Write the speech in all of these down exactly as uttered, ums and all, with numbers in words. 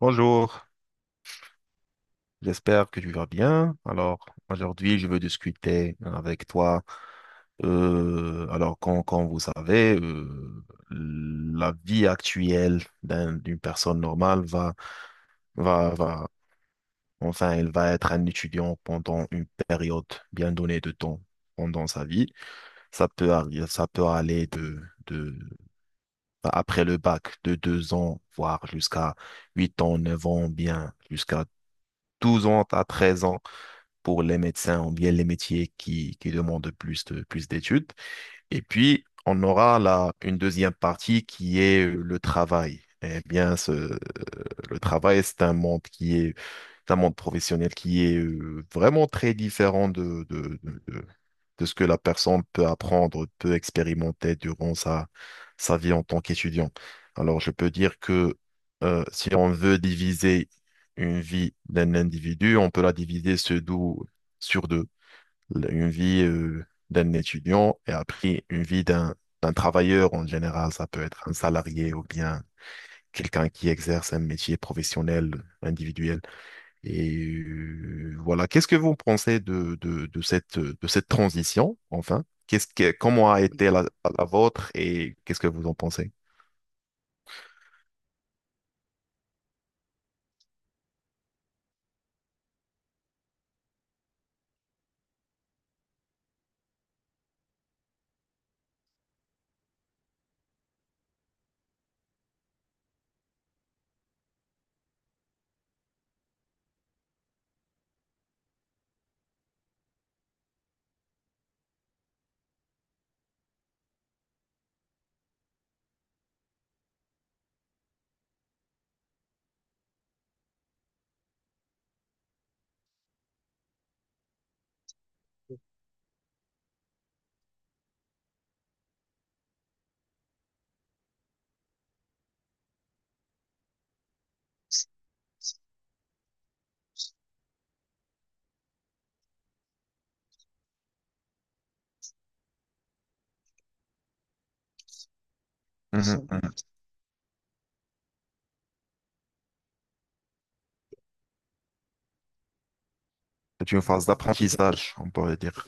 Bonjour, j'espère que tu vas bien. Alors, aujourd'hui, je veux discuter avec toi. Euh, alors, comme, comme vous savez, euh, la vie actuelle d'un- d'une personne normale va, va, va, enfin, elle va être un étudiant pendant une période bien donnée de temps pendant sa vie. Ça peut arriver, ça peut aller de, de, bah, après le bac, de deux ans, voire jusqu'à huit ans, neuf ans, bien, jusqu'à douze ans à treize ans, pour les médecins ou bien les métiers qui, qui demandent plus de, plus d'études. Et puis, on aura là une deuxième partie qui est le travail. Eh bien, ce- le travail, c'est un monde qui est d'un monde professionnel qui est euh, vraiment très différent de, de, de, de- de ce que la personne peut apprendre, peut expérimenter durant sa, sa vie en tant qu'étudiant. Alors, je peux dire que euh, si on veut diviser une vie d'un individu, on peut la diviser sur deux, sur deux. Une vie euh, d'un étudiant et après une vie d'un d'un travailleur en général. Ça peut être un salarié ou bien quelqu'un qui exerce un métier professionnel individuel. Et euh, voilà, qu'est-ce que vous pensez de, de, de cette, de cette transition, enfin? Qu'est-ce que, comment a été la, la vôtre et qu'est-ce que vous en pensez? Mhm, mhm. C'est une phase d'apprentissage, on pourrait dire.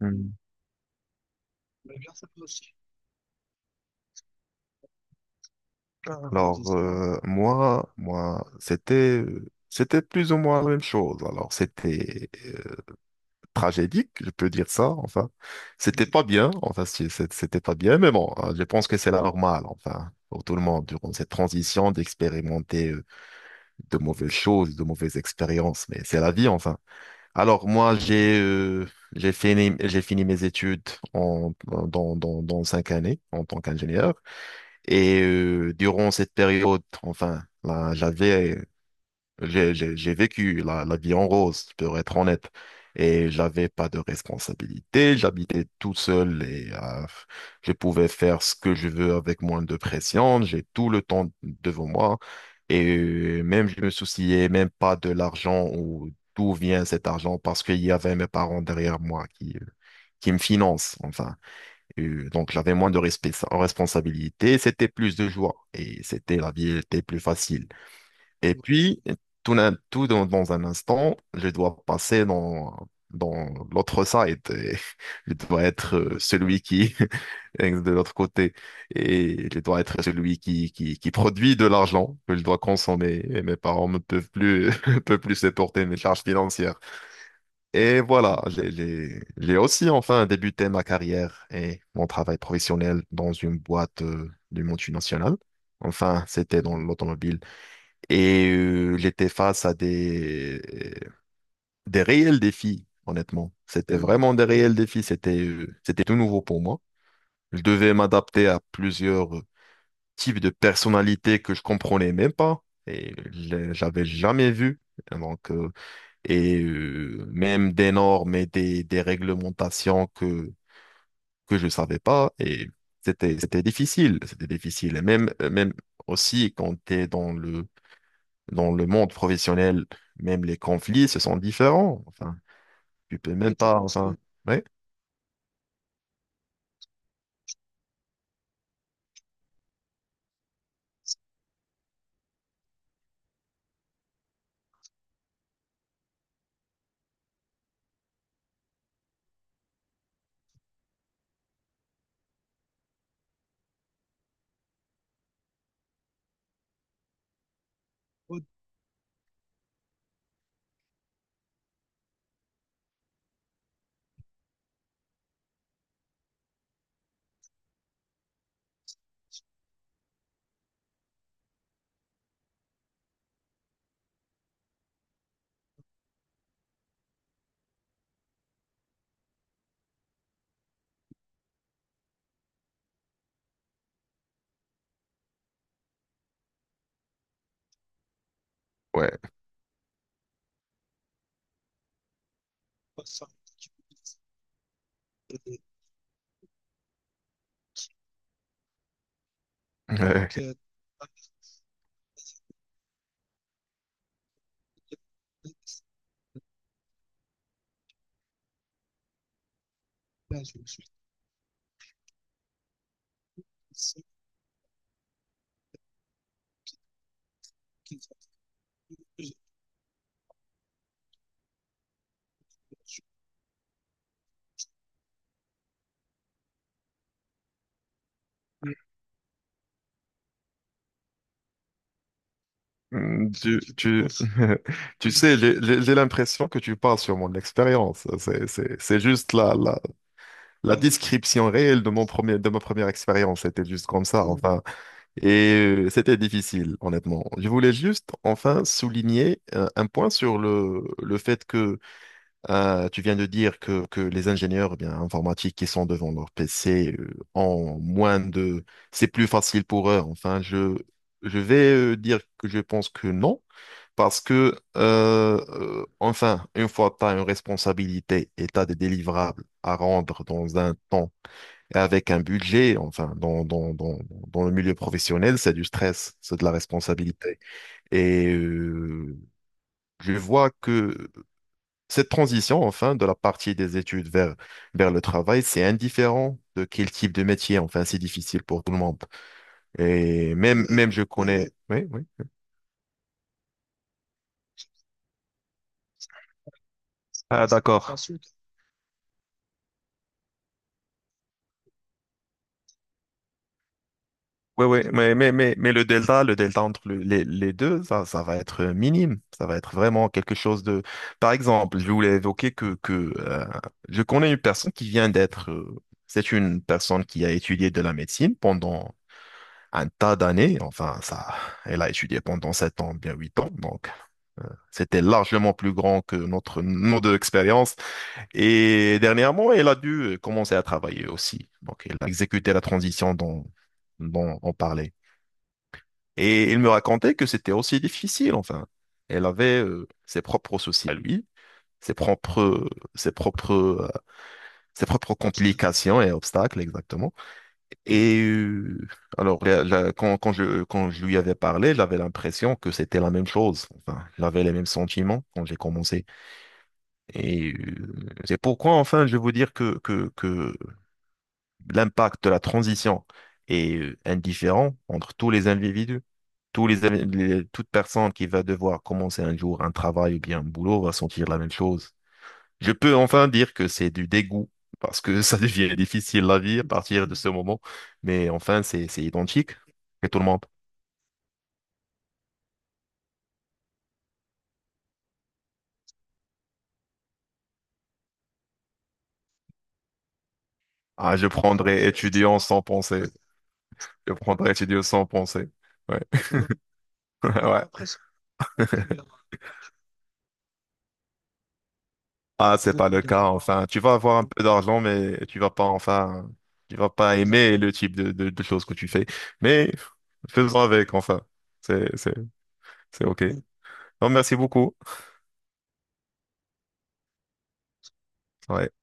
Mhm. Alors, euh, moi, moi, c'était, euh, c'était plus ou moins la même chose. Alors, c'était tragédique, je peux dire ça, enfin. C'était pas bien, enfin, si, c'est- c'était pas bien, mais bon, euh, je pense que c'est la normale enfin, pour tout le monde, durant cette transition, d'expérimenter euh, de mauvaises choses, de mauvaises expériences, mais c'est la vie, enfin. Alors, moi, j'ai euh, j'ai fini, j'ai fini mes études en, dans, dans, dans cinq années en tant qu'ingénieur, et euh, durant cette période, enfin, là, j'avais j'ai, j'ai- j'ai vécu la, la vie en rose, pour être honnête. Et j'avais pas de responsabilité, j'habitais tout seul et euh, je pouvais faire ce que je veux avec moins de pression, j'ai tout le temps devant moi. Et euh, même je me souciais même pas de l'argent ou d'où vient cet argent parce qu'il y avait mes parents derrière moi qui, euh, qui me financent, enfin. Et, euh, donc j'avais moins de respect- responsabilité, c'était plus de joie et c'était la vie était plus facile. Et puis, tout, d'un- tout dans, dans un instant, je dois passer dans, dans l'autre side, et je dois être euh, celui qui est de l'autre côté. Et je dois être celui qui, qui, qui produit de l'argent que je dois consommer. Et mes parents ne peuvent plus, peuvent plus supporter mes charges financières. Et voilà, j'ai j'ai- j'ai aussi enfin débuté ma carrière et mon travail professionnel dans une boîte euh, du monde national. Enfin, c'était dans l'automobile. Et euh, j'étais face à des, des réels défis, honnêtement. C'était vraiment des réels défis. C'était euh, c'était tout nouveau pour moi. Je devais m'adapter à plusieurs euh, types de personnalités que je comprenais même pas et je- j'avais jamais vu. Donc, euh, et euh, même des normes et des, des réglementations que, que je savais pas. Et c'était c'était difficile. C'était difficile. Et même, même aussi quand tu es dans le dans le monde professionnel, même les conflits, ce sont différents. Enfin, tu peux même pas, enfin, ouais, ouais. Ouais. Mm, Tu, tu, tu sais, j'ai j'ai- j'ai l'impression que tu parles sur mon expérience. C'est, c'est, c'est juste la, la, la description réelle de mon premier, de ma première expérience. C'était juste comme ça, enfin. Et euh, c'était difficile, honnêtement. Je voulais juste, enfin, souligner euh, un point sur le, le fait que Euh, tu viens de dire que, que les ingénieurs eh bien, informatiques qui sont devant leur P C euh, ont moins de... C'est plus facile pour eux. Enfin, je, je vais euh, dire que je pense que non, parce que, euh, euh, enfin, une fois que tu as une responsabilité et tu as des délivrables à rendre dans un temps et avec un budget, enfin, dans, dans, dans, dans le milieu professionnel, c'est du stress, c'est de la responsabilité. Et euh, je vois que cette transition, enfin, de la partie des études vers, vers le travail, c'est indifférent de quel type de métier. Enfin, c'est difficile pour tout le monde. Et même, même je connais. Oui, oui. Ah, d'accord. Oui, oui, mais, mais, mais, mais le delta, le delta entre le- les, les deux, ça, ça va être minime. Ça va être vraiment quelque chose de. Par exemple, je voulais évoquer que, que euh, je connais une personne qui vient d'être, euh, c'est une personne qui a étudié de la médecine pendant un tas d'années. Enfin, ça, elle a étudié pendant sept ans, bien huit ans. Donc, c'était largement plus grand que notre nombre d'expérience. Et dernièrement, elle a dû euh, commencer à travailler aussi. Donc, elle a exécuté la transition dont, dont on parlait. Et il me racontait que c'était aussi difficile, enfin. Elle avait euh, ses propres soucis à lui, ses propres, ses propres, euh, ses propres complications et obstacles, exactement. Et euh, alors, la- la- quand, quand je, quand je lui avais parlé, j'avais l'impression que c'était la même chose. Enfin, j'avais les mêmes sentiments quand j'ai commencé. Et euh, c'est pourquoi, enfin, je vais vous dire que, que, que l'impact de la transition est euh, indifférent entre tous les individus. Tous les, invi- les- toute personne qui va devoir commencer un jour un travail ou bien un boulot va sentir la même chose. Je peux enfin dire que c'est du dégoût parce que ça devient difficile la vie à partir de ce moment. Mais enfin, c'est, c'est identique et tout le monde. Ah, je prendrais étudiant sans penser. Je prendrais étudiant sans penser. Ouais. Ouais. Ah, c'est pas Donc, le euh, cas, enfin. Tu vas avoir un peu d'argent, mais tu vas pas, enfin, tu vas pas aimer le type de, de, de choses que tu fais. Mais faisons avec, enfin. C'est, c'est, c'est OK. Oui. Non, merci beaucoup. Ouais.